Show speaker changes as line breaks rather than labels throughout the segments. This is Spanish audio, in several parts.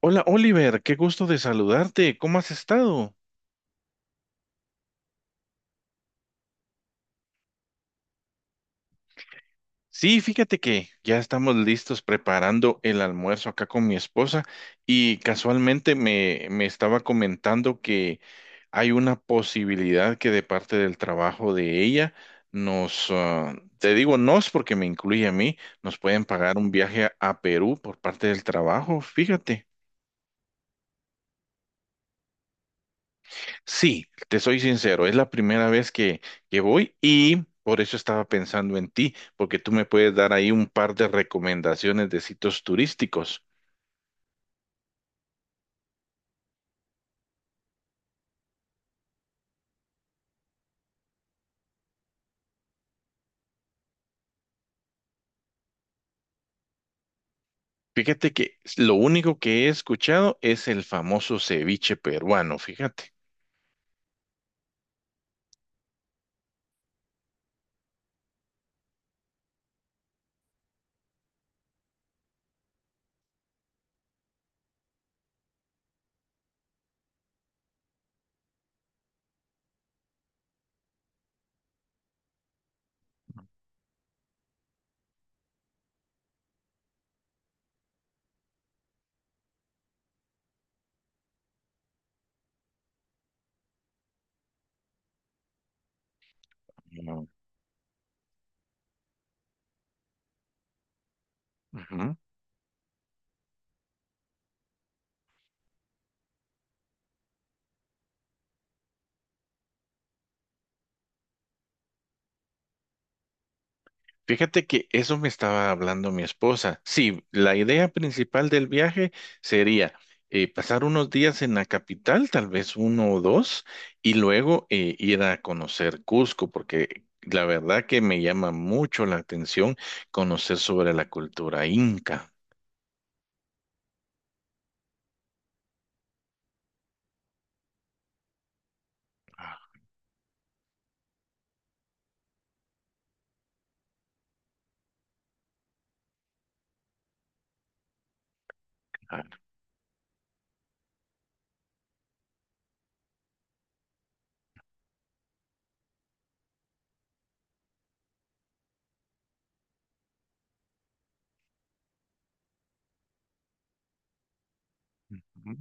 Hola Oliver, qué gusto de saludarte. ¿Cómo has estado? Sí, fíjate que ya estamos listos preparando el almuerzo acá con mi esposa y casualmente me estaba comentando que hay una posibilidad que de parte del trabajo de ella nos, te digo nos porque me incluye a mí, nos pueden pagar un viaje a Perú por parte del trabajo, fíjate. Sí, te soy sincero, es la primera vez que voy y por eso estaba pensando en ti, porque tú me puedes dar ahí un par de recomendaciones de sitios turísticos. Fíjate que lo único que he escuchado es el famoso ceviche peruano, fíjate. No. Ujú. Fíjate que eso me estaba hablando mi esposa. Sí, la idea principal del viaje sería pasar unos días en la capital, tal vez uno o dos, y luego ir a conocer Cusco, porque la verdad que me llama mucho la atención conocer sobre la cultura inca. Ah, ujú,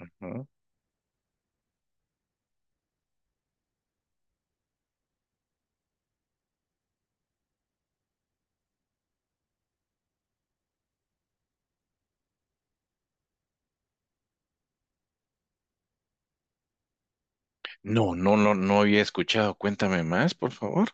ujú. No, no, no, no había escuchado. Cuéntame más, por favor.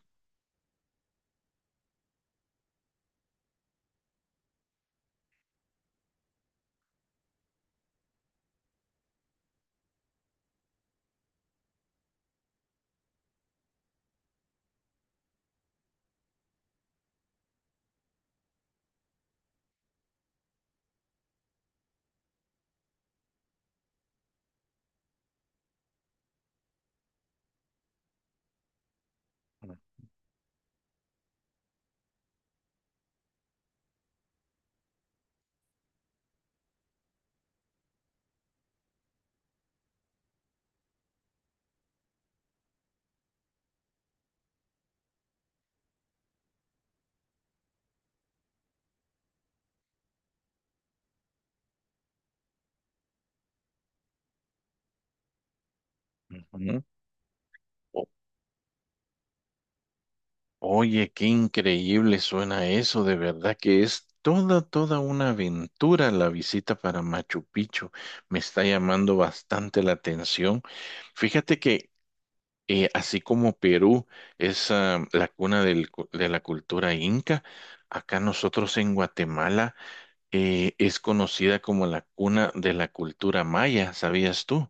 Ujú. O- Oye, qué increíble suena eso, de verdad que es toda, toda una aventura la visita para Machu Picchu. Me está llamando bastante la atención. Fíjate que así como Perú es la cuna de la cultura inca, acá nosotros en Guatemala es conocida como la cuna de la cultura maya, ¿sabías tú?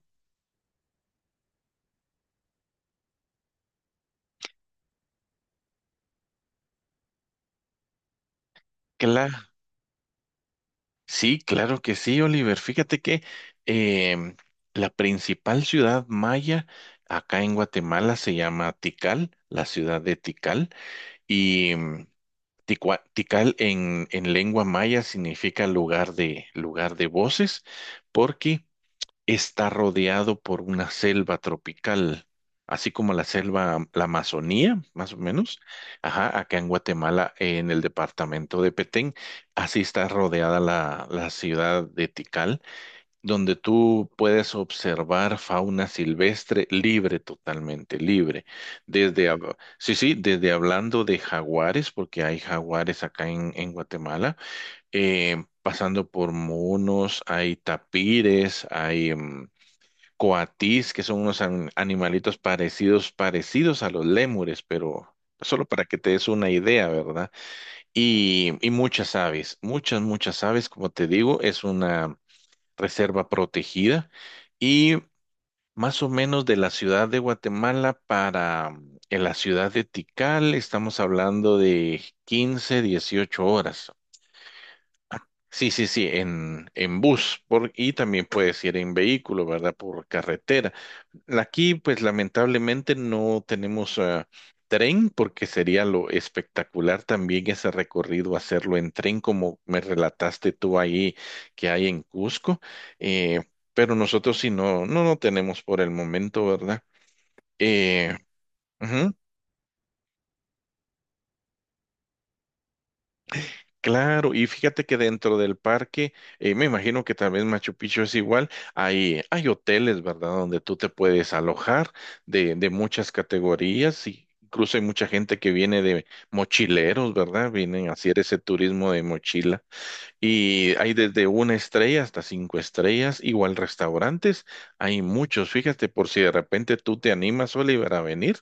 Claro. Sí, claro que sí, Oliver. Fíjate que em, la principal ciudad maya acá en Guatemala se llama Tikal, la ciudad de Tikal, y Tikal en lengua maya significa lugar de voces, porque está rodeado por una selva tropical, así como la selva, la Amazonía, más o menos. Ajá, acá en Guatemala, en el departamento de Petén, así está rodeada la ciudad de Tikal, donde tú puedes observar fauna silvestre libre, totalmente libre. Sí, sí, desde hablando de jaguares, porque hay jaguares acá en Guatemala, pasando por monos, hay tapires, hay coatís, que son unos animalitos parecidos, a los lémures, pero solo para que te des una idea, ¿verdad? Y muchas aves, muchas, muchas aves, como te digo, es una reserva protegida y más o menos de la ciudad de Guatemala para en la ciudad de Tikal estamos hablando de 15 18 horas. Sí, sí, sí, en bus por, y también puedes ir en vehículo, ¿verdad? Por carretera. Aquí, pues lamentablemente no tenemos tren porque sería lo espectacular también ese recorrido, hacerlo en tren como me relataste tú ahí que hay en Cusco. Eh, pero nosotros sí no, no, no tenemos por el momento, ¿verdad? Eh, Ujú. Claro, y fíjate que dentro del parque, me imagino que también Machu Picchu es igual, hay hoteles, ¿verdad? Donde tú te puedes alojar de muchas categorías y incluso hay mucha gente que viene de mochileros, ¿verdad? Vienen a hacer ese turismo de mochila y hay desde una estrella hasta cinco estrellas, igual restaurantes, hay muchos, fíjate, por si de repente tú te animas, Oliver, a venir.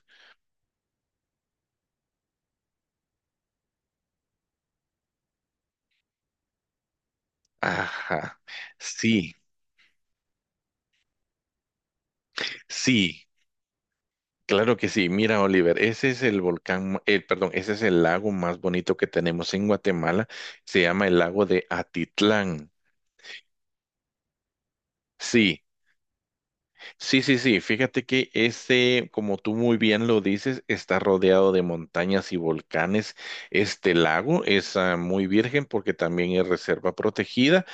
Ajá, sí, sí. Claro que sí. Mira, Oliver, ese es el volcán, perdón, ese es el lago más bonito que tenemos en Guatemala. Se llama el lago de Atitlán. Sí, sí, sí, sí. Fíjate que ese, como tú muy bien lo dices, está rodeado de montañas y volcanes. Este lago es muy virgen porque también es reserva protegida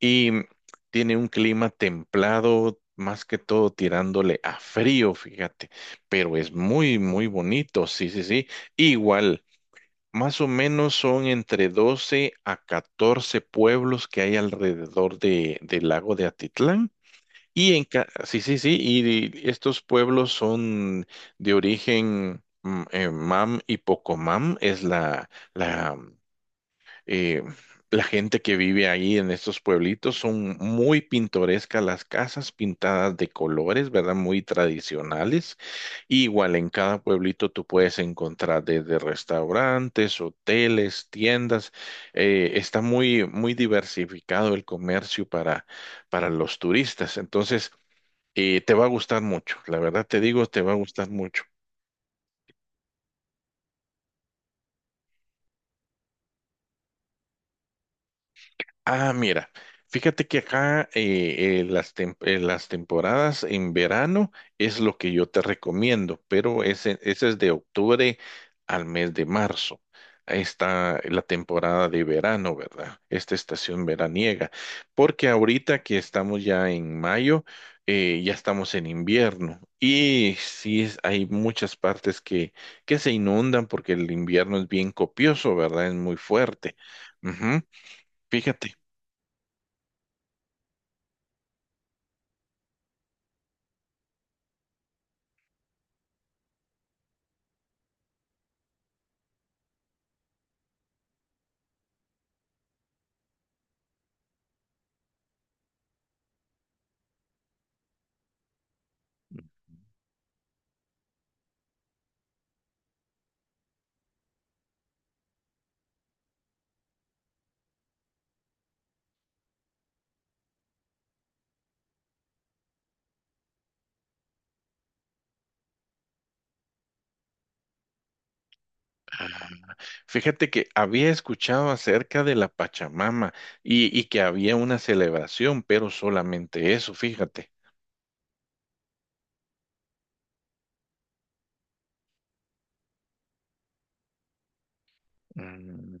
y tiene un clima templado, más que todo tirándole a frío, fíjate. Pero es muy, muy bonito. Sí, sí, sí. Igual. Más o menos son entre 12 a 14 pueblos que hay alrededor del lago de Atitlán. Sí, sí, sí, y estos pueblos son de origen Mam y Pocomam, es la eh, la gente que vive ahí en estos pueblitos son muy pintorescas, las casas pintadas de colores, ¿verdad? Muy tradicionales. Y igual en cada pueblito tú puedes encontrar desde restaurantes, hoteles, tiendas. Está muy, muy diversificado el comercio para, los turistas. Entonces, te va a gustar mucho, la verdad te digo, te va a gustar mucho. Ah, mira, fíjate que acá las temporadas en verano es lo que yo te recomiendo, pero ese es de octubre al mes de marzo. Ahí está la temporada de verano, ¿verdad? Esta estación veraniega. Porque ahorita que estamos ya en mayo, ya estamos en invierno. Y sí, es- hay muchas partes que se inundan porque el invierno es bien copioso, ¿verdad? Es muy fuerte. Ujú. Fíjate. Fíjate que había escuchado acerca de la Pachamama y que había una celebración, pero solamente eso, fíjate. Mm.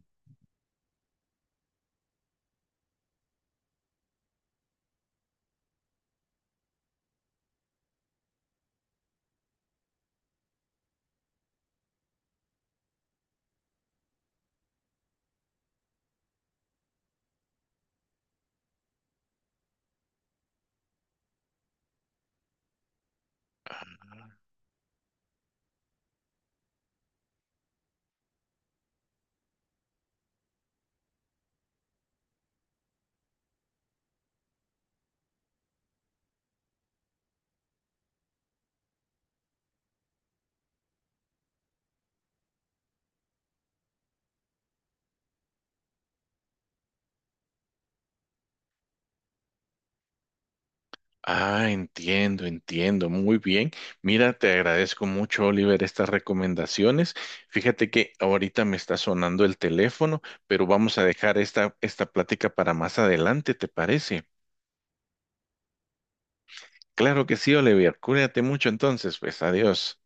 Ah, entiendo, entiendo. Muy bien. Mira, te agradezco mucho, Oliver, estas recomendaciones. Fíjate que ahorita me está sonando el teléfono, pero vamos a dejar esta, plática para más adelante, ¿te parece? Claro que sí, Oliver. Cuídate mucho entonces, pues adiós.